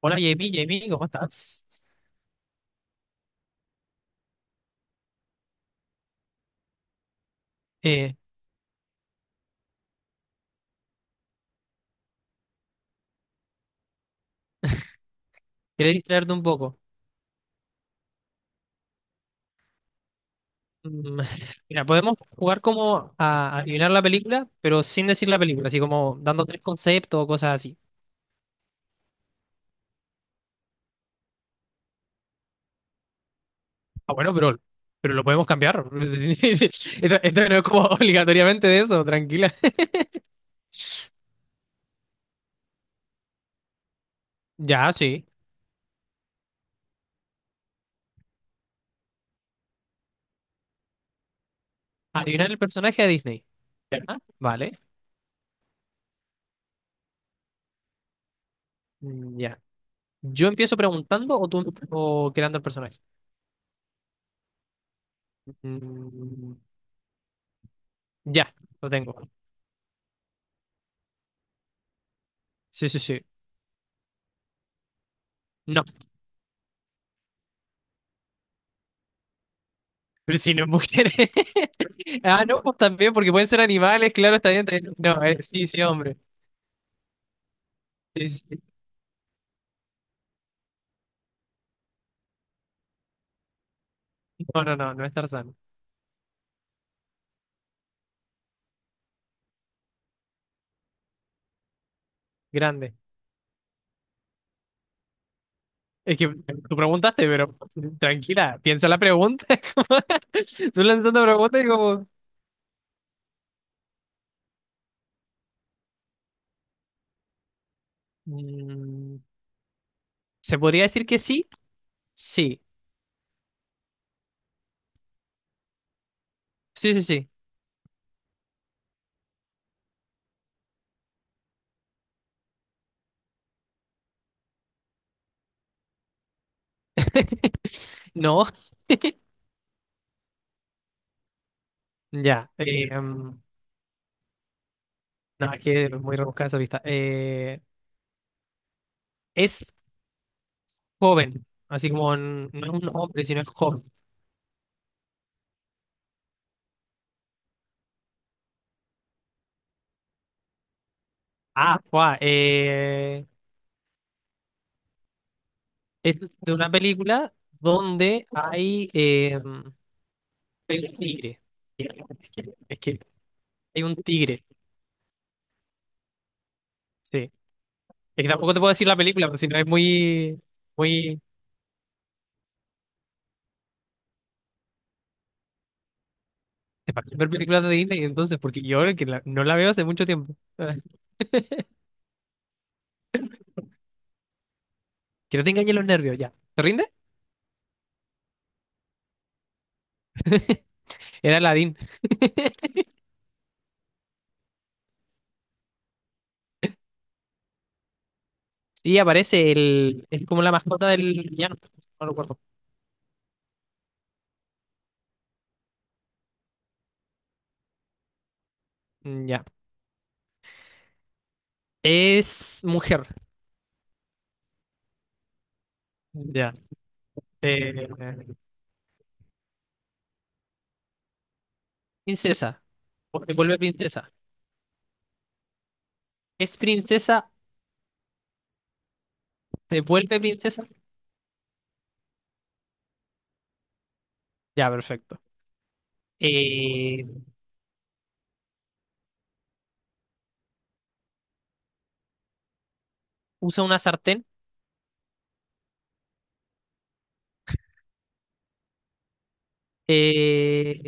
Hola Jamie, Jamie, ¿cómo estás? Eh, Quería distraerte un poco. Mm, Mira, podemos jugar como a adivinar la película, pero sin decir la película, así como dando tres conceptos o cosas así. Ah, bueno, pero lo podemos cambiar. Esto no es como obligatoriamente de eso, tranquila. Ya, sí. Adivinar el personaje de Disney. Ya, vale. Mm, ya. ¿Yo empiezo preguntando o tú o creando el personaje? Mm, ya, lo tengo. Sí, sí, sí. No. Pero si no es mujer. Ah, no, pues también, porque pueden ser animales, claro, está bien. Está bien. No, sí, sí, hombre. Sí, sí, sí. No, no, no, no es Tarzán. Grande. Es que tú preguntaste, pero tranquila, piensa la pregunta. como- Tú lanzando preguntas y como... Mm, ¿se podría decir que sí? Sí. Sí, sí, sí. No, ya. No, es que es muy rebuscada esa lista. Es joven, así como no es un hombre, sino es joven. Ah, guau, es de una película donde hay, hay un tigre. Es es que hay un tigre, sí. Es que tampoco te puedo decir la película, porque si no es muy, muy... Te parece ver películas de Disney, entonces, porque yo no la veo hace mucho tiempo. Que no te engañen los nervios, ya. ¿Te rinde? Era Aladdin. Sí, aparece el... Es como la mascota del villano. No lo recuerdo. Mm, ya. Es mujer. Ya. Eh, princesa. Porque vuelve princesa. ¿Es princesa? ¿Se vuelve princesa? Ya, perfecto. Eh, usa una sartén. Eh,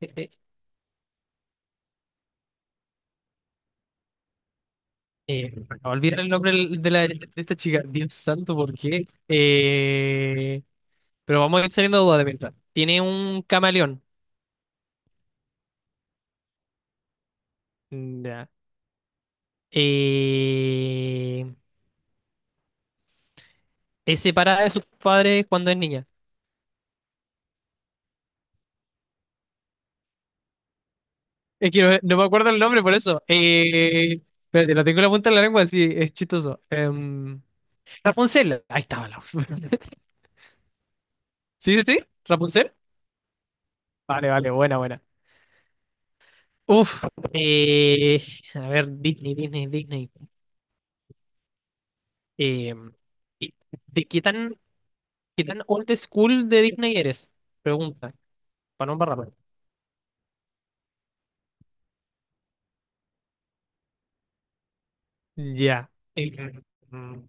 eh, eh, me acabo el nombre de, la, de esta chica. Dios santo, ¿por qué? Pero vamos a ir saliendo de dudas de mientras. Tiene un camaleón. Mm, ya. Eh, es separada de sus padres cuando es niña. Es que no, no me acuerdo el nombre por eso. Espérate, lo tengo en la punta de la lengua, sí, es chistoso. Rapunzel. Ahí estaba. Sí, sí, sí, Rapunzel. Vale, vale, buena, buena. Uf, eh, a ver, Disney, Disney, Disney. Eh, ¿y ¿de qué tan old school de Disney eres? Pregunta, para no embarrarla. Ya. Eh, mm,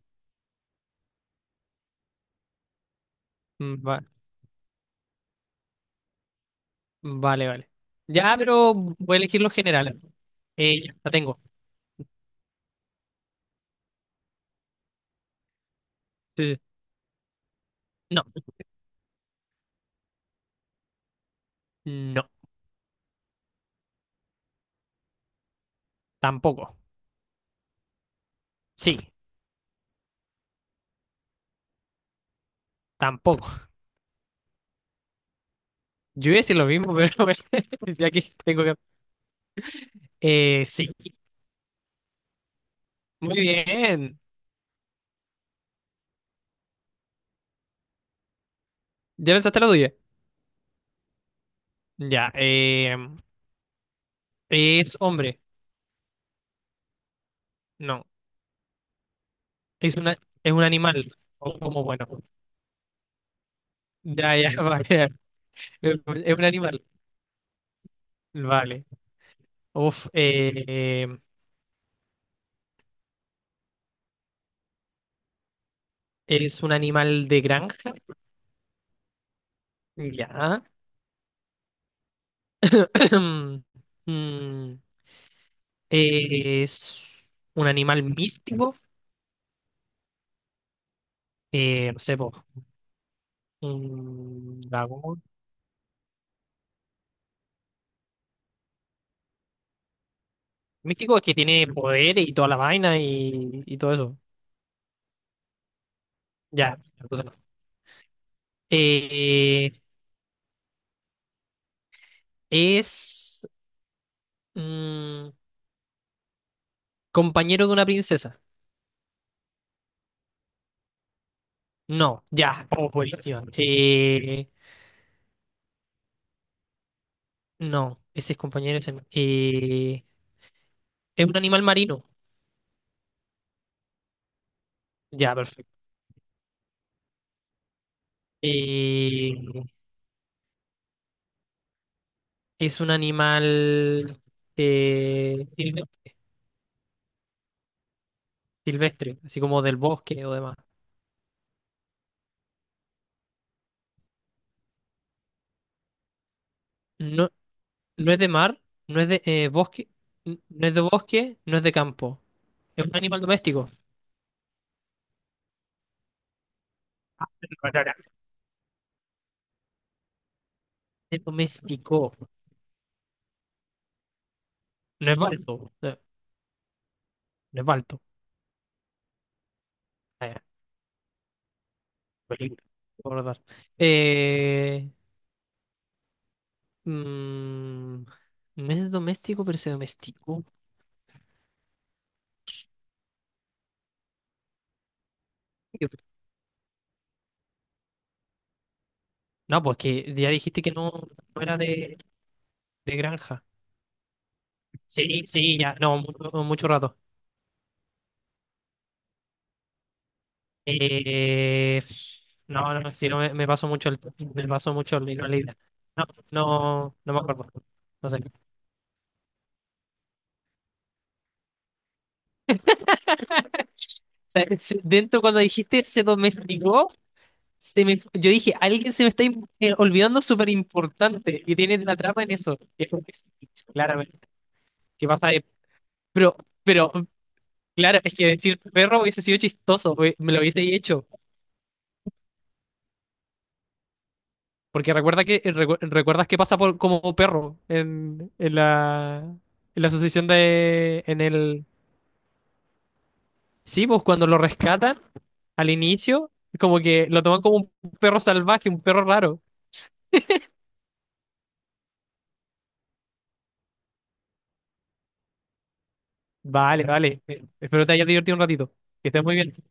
Mm, va- vale, vale. Ya, pero voy a elegir los generales. Ya, la tengo. Sí, sí. No, no, tampoco. Sí, tampoco. Yo iba a decir lo mismo, pero bueno, ya que tengo que... sí, muy bien. ¿Ya pensaste la tuya? Ya. ¿Es hombre? No. ¿Es una, es un animal? O como bueno. Ya, ya, vale. ¿Es un animal? Vale. Uf. ¿Es un animal de granja? Ya. Mm, ¿es un animal místico? No sé, po, un dragón. Místico es que tiene poder y toda la vaina y todo eso. Ya, entonces no. Eh, es. Mm, compañero de una princesa. No, ya. Oh, buenísima. No, ese es compañero. Ese no. Es un animal marino. Ya, perfecto. Eh, es un animal silvestre, silvestre, así como del bosque o demás. No, no es de mar, no es de bosque, no es de bosque, no es de campo. Es un animal doméstico. Es doméstico. No es balto. No, no es balto. Película. Recordar. Eh, mm, no es doméstico, pero se domesticó. No, pues que ya dijiste que no, no era de granja. Sí, sí, ya, no, mucho, mucho rato. Eh, no, no, si no me paso mucho el me paso mucho el hilo de la idea. No, no, no me acuerdo. No sé. O sea, dentro cuando dijiste se domesticó. Se me, yo dije, alguien se me está olvidando súper importante y tiene la trama en eso. Y es porque sí, claramente. ¿Qué pasa? Pero, pero, claro, es que decir perro hubiese sido chistoso, me lo hubiese hecho. Porque recuerda que, recuerdas que pasa por, como perro en la asociación de, en el, sí, pues cuando lo rescatan al inicio, como que lo toman como un perro salvaje, un perro raro. Vale, vale. Espero te hayas divertido un ratito. Que estés muy bien.